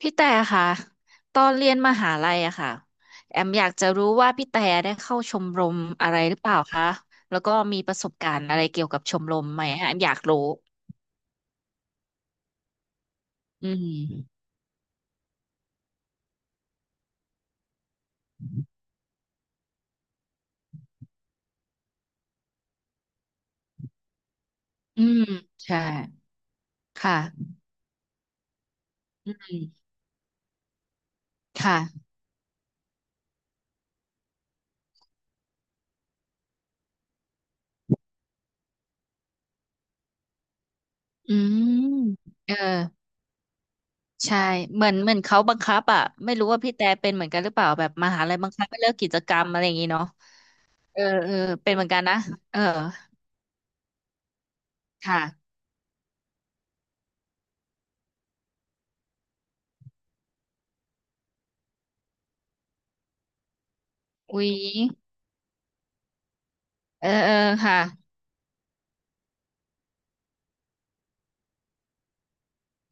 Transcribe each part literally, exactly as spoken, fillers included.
พี่แต่ค่ะตอนเรียนมหาลัยอะค่ะแอมอยากจะรู้ว่าพี่แต่ได้เข้าชมรมอะไรหรือเปล่าคะแล้วก็มีประสบการณ์อะไรเกี่ยวกับชมรมไหมฮะแอมอยากรู้อืมอืมใช่ค่ะอืมค่ะอืมเออใช่เหมือนเหมือนเขาบังคับอะไม่รู้ว่าพี่แต่เป็นเหมือนกันหรือเปล่าแบบมหาลัยบังคับให้เลิกกิจกรรมอะไรอย่างงี้เนาะเออเออเป็นเหมือนกันนะเออค่ะอุ๊ยเออเออค่ะ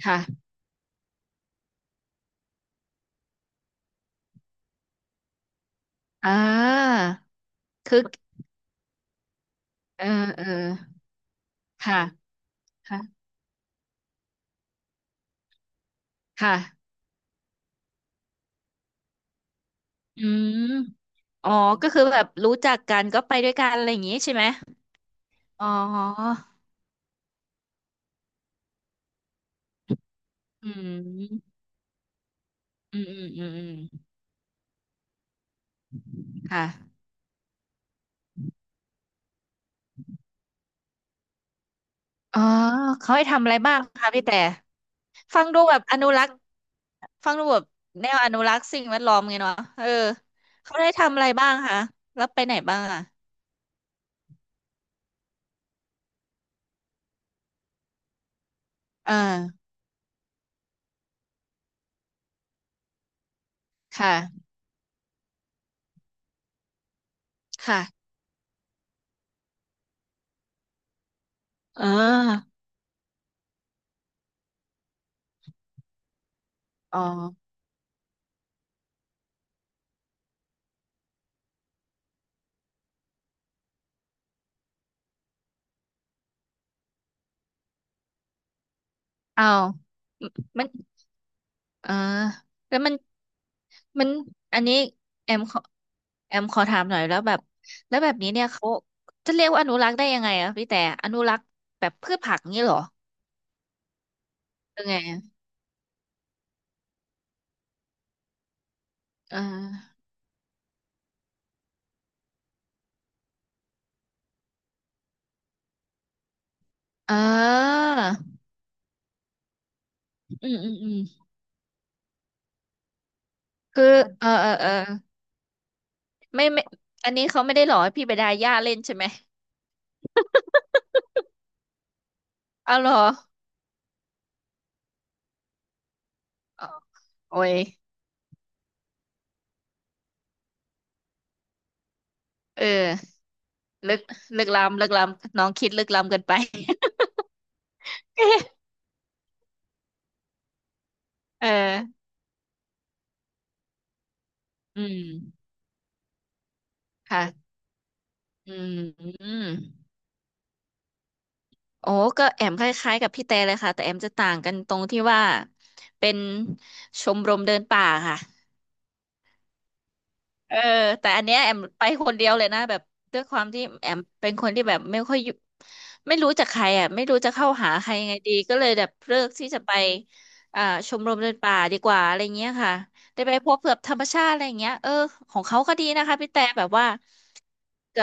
ค่ะอ่า คึกเออเออค่ะค่ะค่ะอืมอ๋อก็คือแบบรู้จักกันก็ไปด้วยกันอะไรอย่างงี้ใช่ไหมอ๋ออืมอืมอืมอืมอืมค่ะอ๋อเขาให้ทำอะไรบ้างคะพี่แต่ฟังดูแบบอนุรักษ์ฟังดูแบบแนวอนุรักษ์สิ่งแวดล้อมไงเนาะเออเขาได้ทำอะไรบ้างคะแล้วไปไหนบ้างอ่ะเออค่ะค่ะเอออ๋อเอามัน อ่าแล้วมันมันอันนี้แอมขอแอมขอถามหน่อยแล้วแบบแล้วแบบนี้เนี่ยเขาจะเรียกว่าอนุรักษ์ได้ยังไงอะพี่แต่อนุรักษ์แบบพืชผักงี้เหรอยังไงอะเอออ่าอืมอืมอืมคือเออเออเออไม่ไม่อันนี้เขาไม่ได้หรอให้พี่ไปดาหญ้าเล่นใช่ไหมเอาเหรออ๋อโอ้ยเออลึกลึกล้ำลึกล้ำน้องคิดลึกล้ำเกินไป เอออืมค่ะอืม โอ้ก็แอมคล้ายๆกับพี่แต่เลยค่ะแต่แอมจะต่างกันตรงที่ว่าเป็นชมรมเดินป่าค่ะเออแต่อันเนี้ยแอมไปคนเดียวเลยนะแบบด้วยความที่แอมเป็นคนที่แบบไม่ค่อยอยู่ไม่รู้จักใครอ่ะไม่รู้จะเข้าหาใครยังไงดีก็เลยแบบเลือกที่จะไปอ่าชมรมเดินป่าดีกว่าอะไรเงี้ยค่ะได้ไปพบกับธรรมชาติอะไรเงี้ยเออของเขาก็ดีนะคะพี่แต่แบบว่าจะ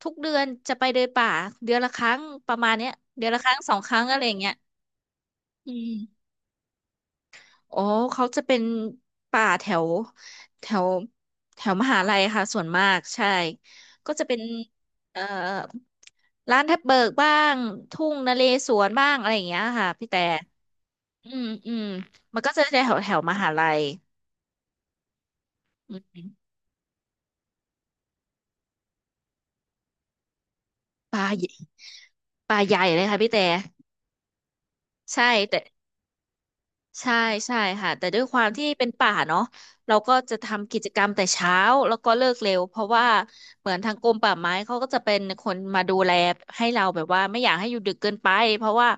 ทุกเดือนจะไปเดินป่าเดือนละครั้งประมาณเนี้ยเดือนละครั้งสองครั้งอะไรเงี้ย อืมอ๋อเขาจะเป็นป่าแถวแถวแถวมหาลัยค่ะส่วนมากใช่ก็จะเป็นเอ่อร้านแทบเบิกบ้างทุ่งนาเลสวนบ้างอะไรอย่างเงี้ยค่ะพี่แต่อืมอืมมันก็จะแถวแถวมหาลัยอืมป่าใหญ่ป่าใหญ่เลยค่ะพี่แต่ใช่แต่ ใช่ใช่ค่ะแต่ด้วยความที่เป็นป่าเนาะเราก็จะทำกิจกรรมแต่เช้าแล้วก็เลิกเร็วเพราะว่าเหมือนทางกรมป่าไม้เขาก็จะเป็นคนมาดูแลให้เราแบบว่าไม่อยากให้อยู่ดึกเกินไปเพราะว่า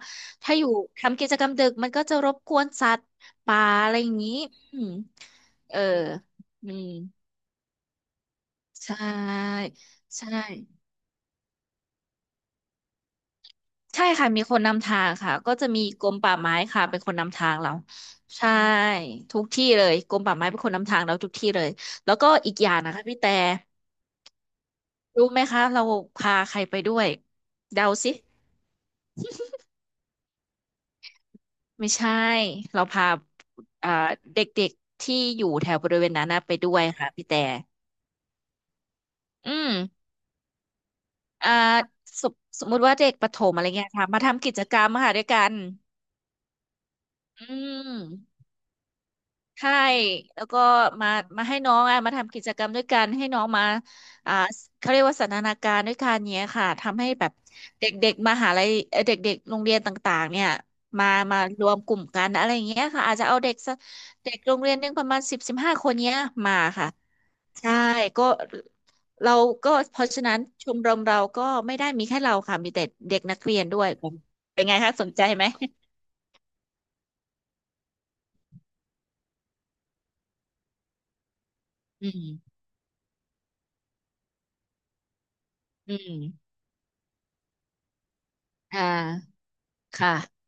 ถ้าอยู่ทำกิจกรรมดึกมันก็จะรบกวนสัตว์ป่าอะไรอย่างนี้อืมเอออืมใช่ใช่ ใช่ค่ะมีคนนำทางค่ะก็จะมีกรมป่าไม้ค่ะเป็นคนนำทางเราใช่ทุกที่เลยกรมป่าไม้เป็นคนนำทางเราทุกที่เลยแล้วก็อีกอย่างนะคะพี่แต่รู้ไหมคะเราพาใครไปด้วยเดาสิไม่ใช่เราพาอ่าเด็กๆที่อยู่แถวบริเวณนั้นนะไปด้วยค่ะพี่แต่อืมอ่าสมสมมุติว่าเด็กประถมอะไรเงี้ยค่ะมาทำกิจกรรมค่ะด้วยกันอืม ใช่แล้วก็มามาให้น้องอ่ะมาทำกิจกรรมด้วยกันให้น้องมาอ่าเขาเรียกว่าสันทนาการด้วยกันเนี้ยค่ะทำให้แบบเด็กๆมหาลัยเอ่อเด็กๆโรงเรียนต่างๆเนี่ยมามารวมกลุ่มกันอะไรอย่างเงี้ยค่ะอาจจะเอาเด็กสักเด็กโรงเรียนหนึงประมาณสิบถึงสิบห้าคนเนี้ยมาค่ะใช่ก็เราก็เพราะฉะนั้นชมรมเราก็ไม่ได้มีแค่เราค่ะมีแต่เด็กนักเรียนด้วยเป็นไงคะสนใจไหมอืมอืมอ่าค่ะ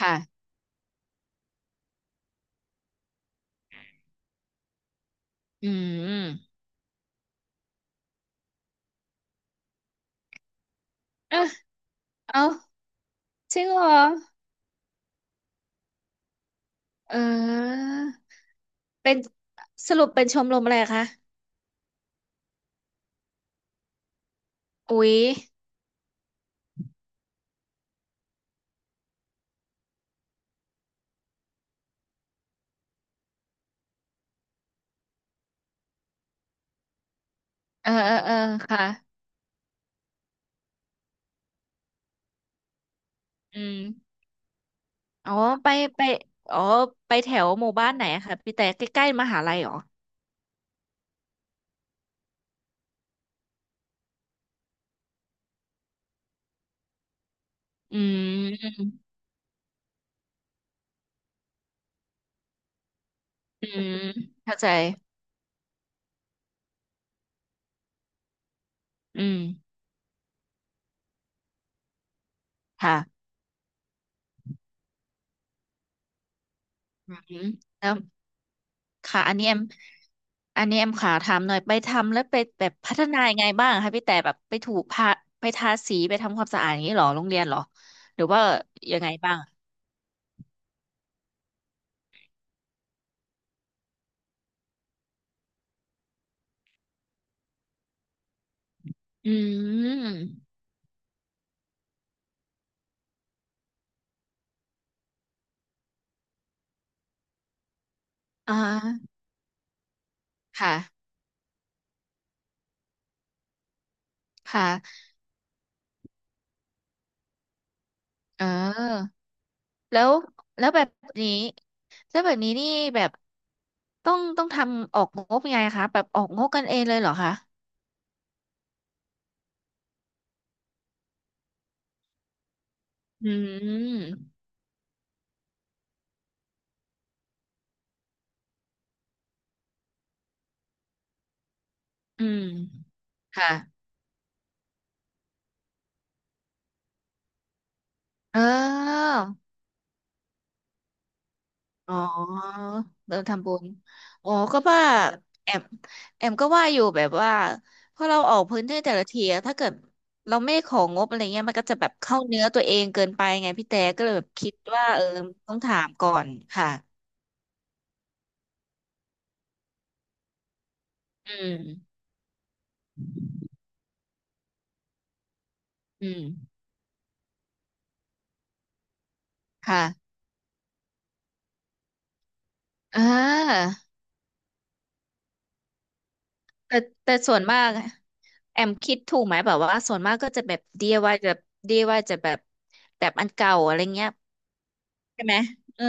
ค่ะ อืมเออเอาจริงเหรอเออเป็นสรุปเป็นชมรมอะไรคะอุ๊ยเออเออเออค่ะอืมอ๋อไปไปอ๋อไปแถวหมู่บ้านไหนอะคะพี่แต่ใกล้ๆมหาลัยเหรออืมอืมเข้าใจอืมค่ะอืมแล้ว ค่ะอันนี้แอมอันนี้แอมขาถามหน่อยไปทำแล้วไปแบบพัฒนายังไงบ้างคะพี่แต่แบบไปถูกพาไปทาสีไปทำความสะอาดอย่างนี้เหรอโรงเรียนเหรอหรือว่ายังไงบ้างอืมอ่าค่ะค่ะเออแล้วแล้วแบบนี้แล้วแบบนี้นี่แบบต้องต้องทำออกงบยังไงคะแบบออกงบกันเองเลยเหรอคะอืมอืมค่ะเออ อ๋อเราทำบุญอ๋อก็ว่าแอมแอมก็ว่าอยู่แบบว่าพอเราออกพื้นที่แต่ละทีอะถ้าเกิดเราไม่ของงบอะไรเงี้ยมันก็จะแบบเข้าเนื้อตัวเองเกินไปไงพี่แต่ก็เลยแบบคิดว่าเออต้องถามก่อนค่ะอืมอืมค่ะอ่าแต่แต่ส่วนมากแอมคิดถูกไหมแบบว่าส่วนมากก็จะแบบ ดี ไอ วาย แบบ ดี ไอ วาย จะแบบแบบอันเก่าอะไรเงี้ยใช่ไหมเออ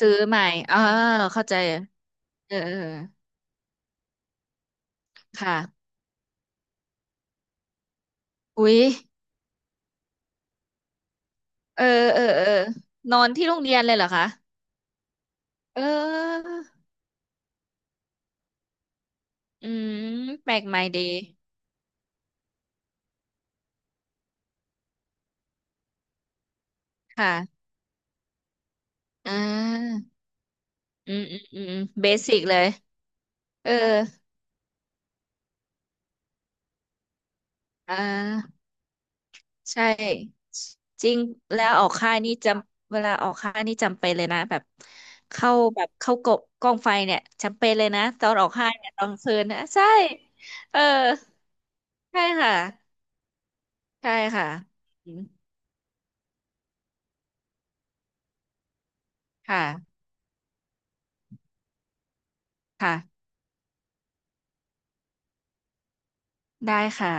ซื้อใหม่อ่าเข้าใจเออเออค่ะอุ๊ยเออเออเออนอนที่โรงเรียนเลยเหรอคะเอออืมแปลกใหม่ดีค่ะอ่าอืมอืมอืมเบสิกเลยเอออ่าใช่จริงแล้วออกค่ายนี่จำเวลาออกค่ายนี่จำเป็นเลยนะแบบเข้าแบบเข้ากบกองไฟเนี่ยจำเป็นเลยนะตอนออกค่ายเนี่ยตอนคืนนะใช่เออใช่ค่ะ ใช่ค่ะอืมค่ะค่ะ ได้ค่ะ